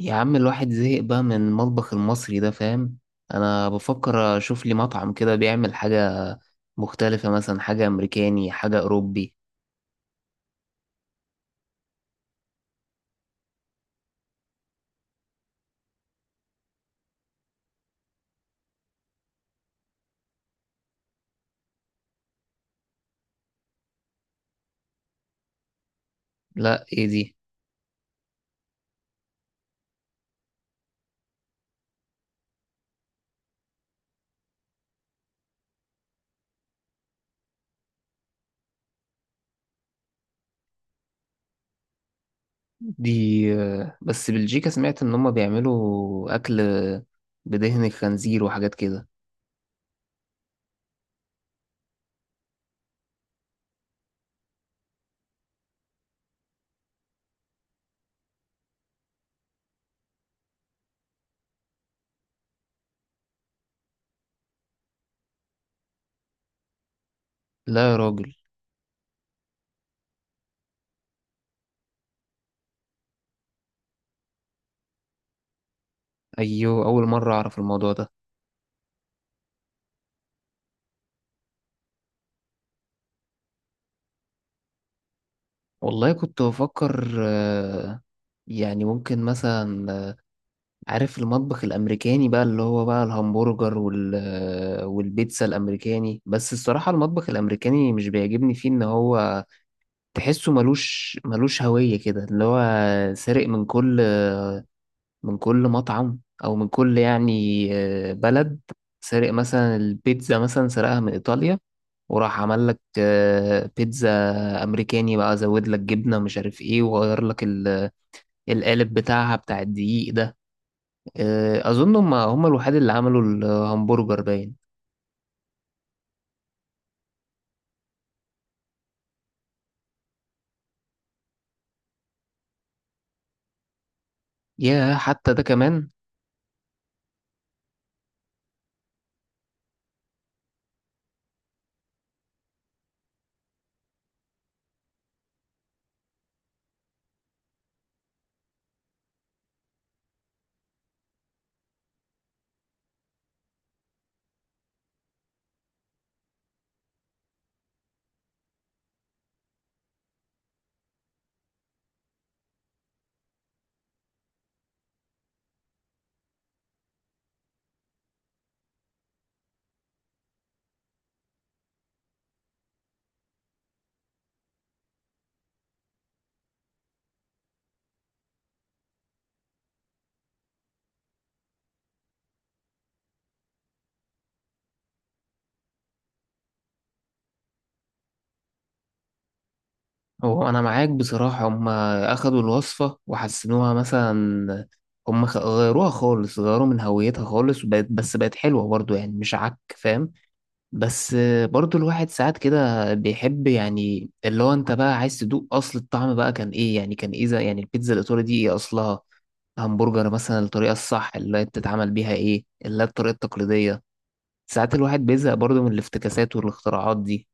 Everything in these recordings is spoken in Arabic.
يا عم، الواحد زهق بقى من المطبخ المصري ده، فاهم؟ انا بفكر اشوف لي مطعم كده بيعمل حاجة مختلفة، مثلا حاجة امريكاني، حاجة اوروبي. لا، ايه دي؟ دي بس بلجيكا، سمعت ان هما بيعملوا اكل بدهن الخنزير وحاجات كده. لا يا راجل. ايوه، اول مرة اعرف الموضوع ده. والله كنت بفكر، يعني ممكن مثلا، عارف المطبخ الامريكاني بقى، اللي هو بقى الهمبرجر والبيتزا الامريكاني. بس الصراحه المطبخ الامريكاني مش بيعجبني، فيه ان هو تحسه ملوش هويه كده، اللي هو سارق من كل مطعم، او من كل يعني بلد. سارق مثلا البيتزا، مثلا سرقها من ايطاليا، وراح عمل لك بيتزا امريكاني بقى، زود لك جبنه مش عارف ايه، وغير لك القالب بتاعها بتاع الدقيق ده. اظن هم الوحيد اللي عملوا الهمبرجر، باين. يا حتى ده كمان. هو انا معاك بصراحة، هم اخدوا الوصفة وحسنوها، مثلا هم غيروها خالص، غيروا من هويتها خالص، وبقت، بس بقت حلوة برضو، يعني مش عك، فاهم؟ بس برضو الواحد ساعات كده بيحب، يعني اللي هو انت بقى عايز تدوق اصل الطعم بقى كان ايه، يعني كان ايه يعني البيتزا الايطالي دي ايه اصلها؟ همبرجر مثلا، الطريقة الصح اللي هي بتتعمل بيها ايه؟ اللي هي الطريقة التقليدية. ساعات الواحد بيزهق برضه من الافتكاسات والاختراعات دي.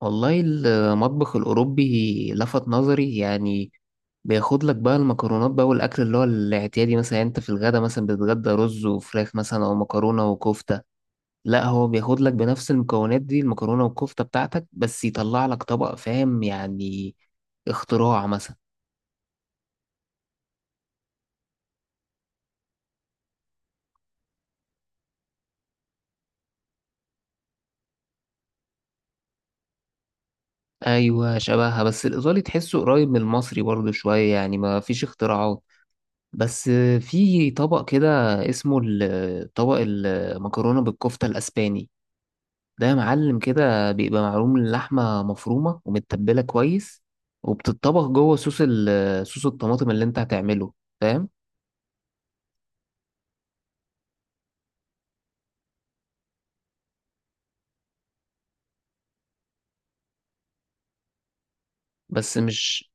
والله المطبخ الأوروبي لفت نظري، يعني بياخد لك بقى المكرونات بقى، والأكل اللي هو الاعتيادي مثلا، يعني أنت في الغدا مثلا بتتغدى رز وفراخ مثلا، أو مكرونة وكفتة. لا، هو بياخد لك بنفس المكونات دي، المكرونة والكفتة بتاعتك، بس يطلع لك طبق، فاهم يعني؟ اختراع مثلا. أيوة شبهها، بس الإيطالي تحسه قريب من المصري برضه شوية، يعني ما فيش اختراعات. بس في طبق كده اسمه طبق المكرونة بالكفتة الأسباني. ده يا معلم كده بيبقى معروم، اللحمة مفرومة ومتبلة كويس، وبتتطبخ جوه صوص صوص الطماطم اللي انت هتعمله، فاهم؟ بس مش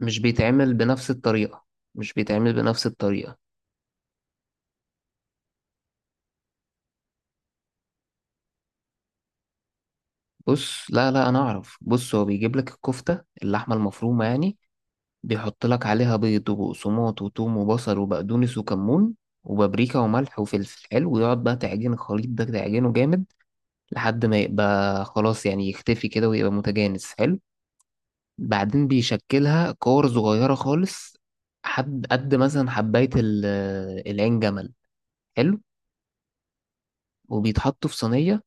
مش بيتعمل بنفس الطريقة. مش بيتعمل بنفس الطريقة. بص، لا لا، انا اعرف. بص، هو بيجيب لك الكفتة، اللحمة المفرومة يعني، بيحط لك عليها بيض وبقسماط وتوم وبصل وبقدونس وكمون وبابريكا وملح وفلفل حلو، ويقعد بقى تعجن الخليط ده، تعجنه جامد لحد ما يبقى خلاص، يعني يختفي كده ويبقى متجانس، حلو. بعدين بيشكلها كور صغيرة خالص، حد قد مثلا حباية العين جمل، حلو. وبيتحطوا في صينية.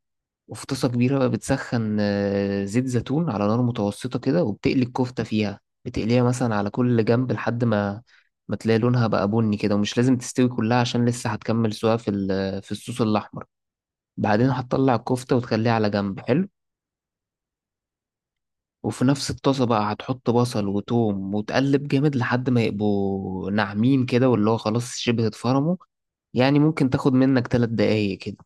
وفي طاسة كبيرة بقى بتسخن زيت زيتون على نار متوسطة كده، وبتقلي الكفتة فيها، بتقليها مثلا على كل جنب لحد ما تلاقي لونها بقى بني كده. ومش لازم تستوي كلها عشان لسه هتكمل سواها في الصوص الأحمر. بعدين هتطلع الكفتة وتخليها على جنب، حلو. وفي نفس الطاسة بقى هتحط بصل وتوم وتقلب جامد لحد ما يبقوا ناعمين كده، واللي هو خلاص شبه اتفرموا. يعني ممكن تاخد منك 3 دقايق كده.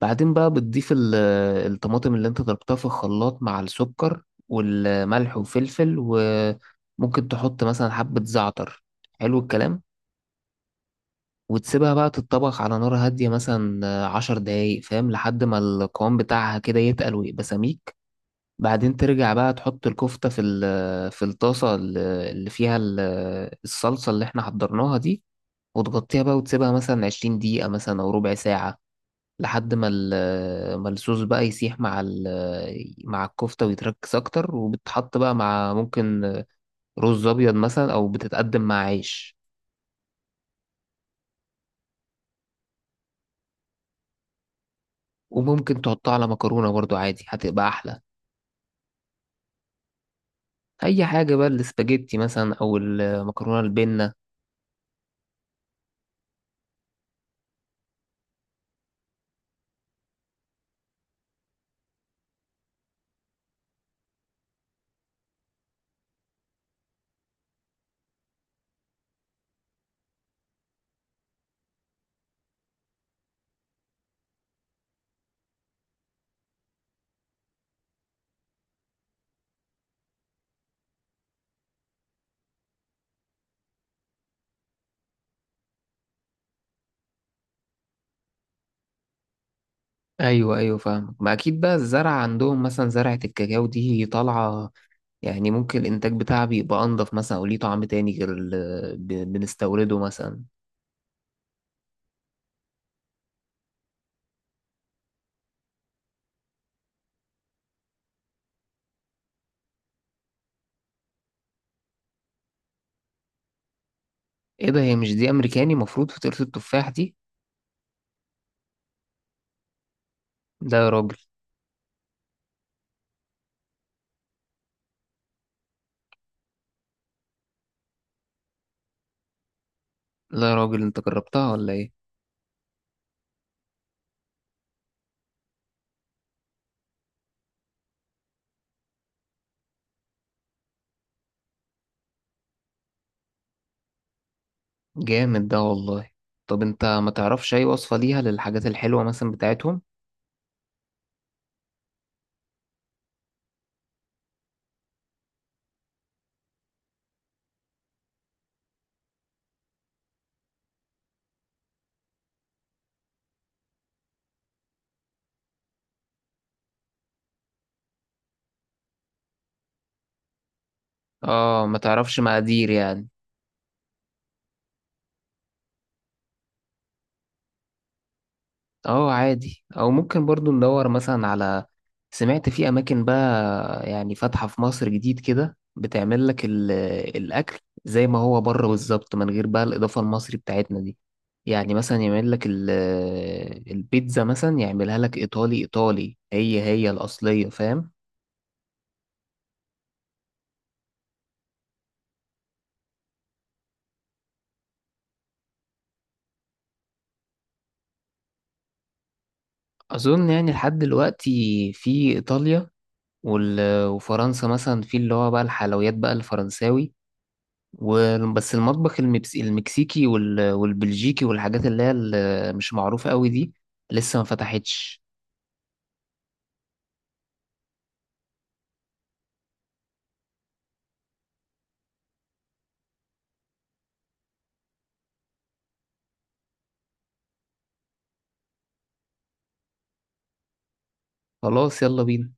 بعدين بقى بتضيف الطماطم اللي انت ضربتها في الخلاط مع السكر والملح وفلفل، وممكن تحط مثلا حبة زعتر، حلو الكلام. وتسيبها بقى تتطبخ على نار هادية مثلا 10 دقايق، فاهم؟ لحد ما القوام بتاعها كده يتقل ويبقى سميك. بعدين ترجع بقى تحط الكفتة في الطاسة اللي فيها الصلصة اللي احنا حضرناها دي، وتغطيها بقى، وتسيبها مثلا 20 دقيقة، مثلا أو ربع ساعة، لحد ما الصوص بقى يسيح مع الكفتة، ويتركز أكتر، وبتحط بقى مع، ممكن رز أبيض مثلا، أو بتتقدم مع عيش. وممكن تحطها على مكرونة برضو، عادي هتبقى أحلى. أي حاجة بقى، الاسباجيتي مثلا أو المكرونة البنة. أيوة أيوة، فاهمك. ما أكيد بقى الزرع عندهم، مثلا زرعة الكاكاو دي طالعة، يعني ممكن الإنتاج بتاعها بيبقى أنضف مثلا، أو ليه طعم تاني غير اللي بنستورده مثلا. إيه ده؟ هي مش دي أمريكاني مفروض فطيرة التفاح دي؟ لا يا راجل. لا يا راجل، انت جربتها ولا ايه؟ جامد ده والله. طب انت ما تعرفش اي وصفة ليها للحاجات الحلوة مثلا بتاعتهم؟ اه، ما تعرفش مقادير يعني؟ اه عادي، او ممكن برضو ندور مثلا على، سمعت في اماكن بقى يعني فاتحة في مصر جديد كده بتعمل لك الاكل زي ما هو بره بالظبط، من غير بقى الاضافة المصري بتاعتنا دي. يعني مثلا يعمل لك البيتزا مثلا يعملها لك ايطالي ايطالي، هي هي الاصلية، فاهم؟ أظن يعني لحد دلوقتي في إيطاليا، وفرنسا مثلا، في اللي هو بقى الحلويات بقى الفرنساوي. وبس المطبخ المكسيكي والبلجيكي، والحاجات اللي هي مش معروفة قوي دي، لسه ما فتحتش. خلاص، يلا بينا.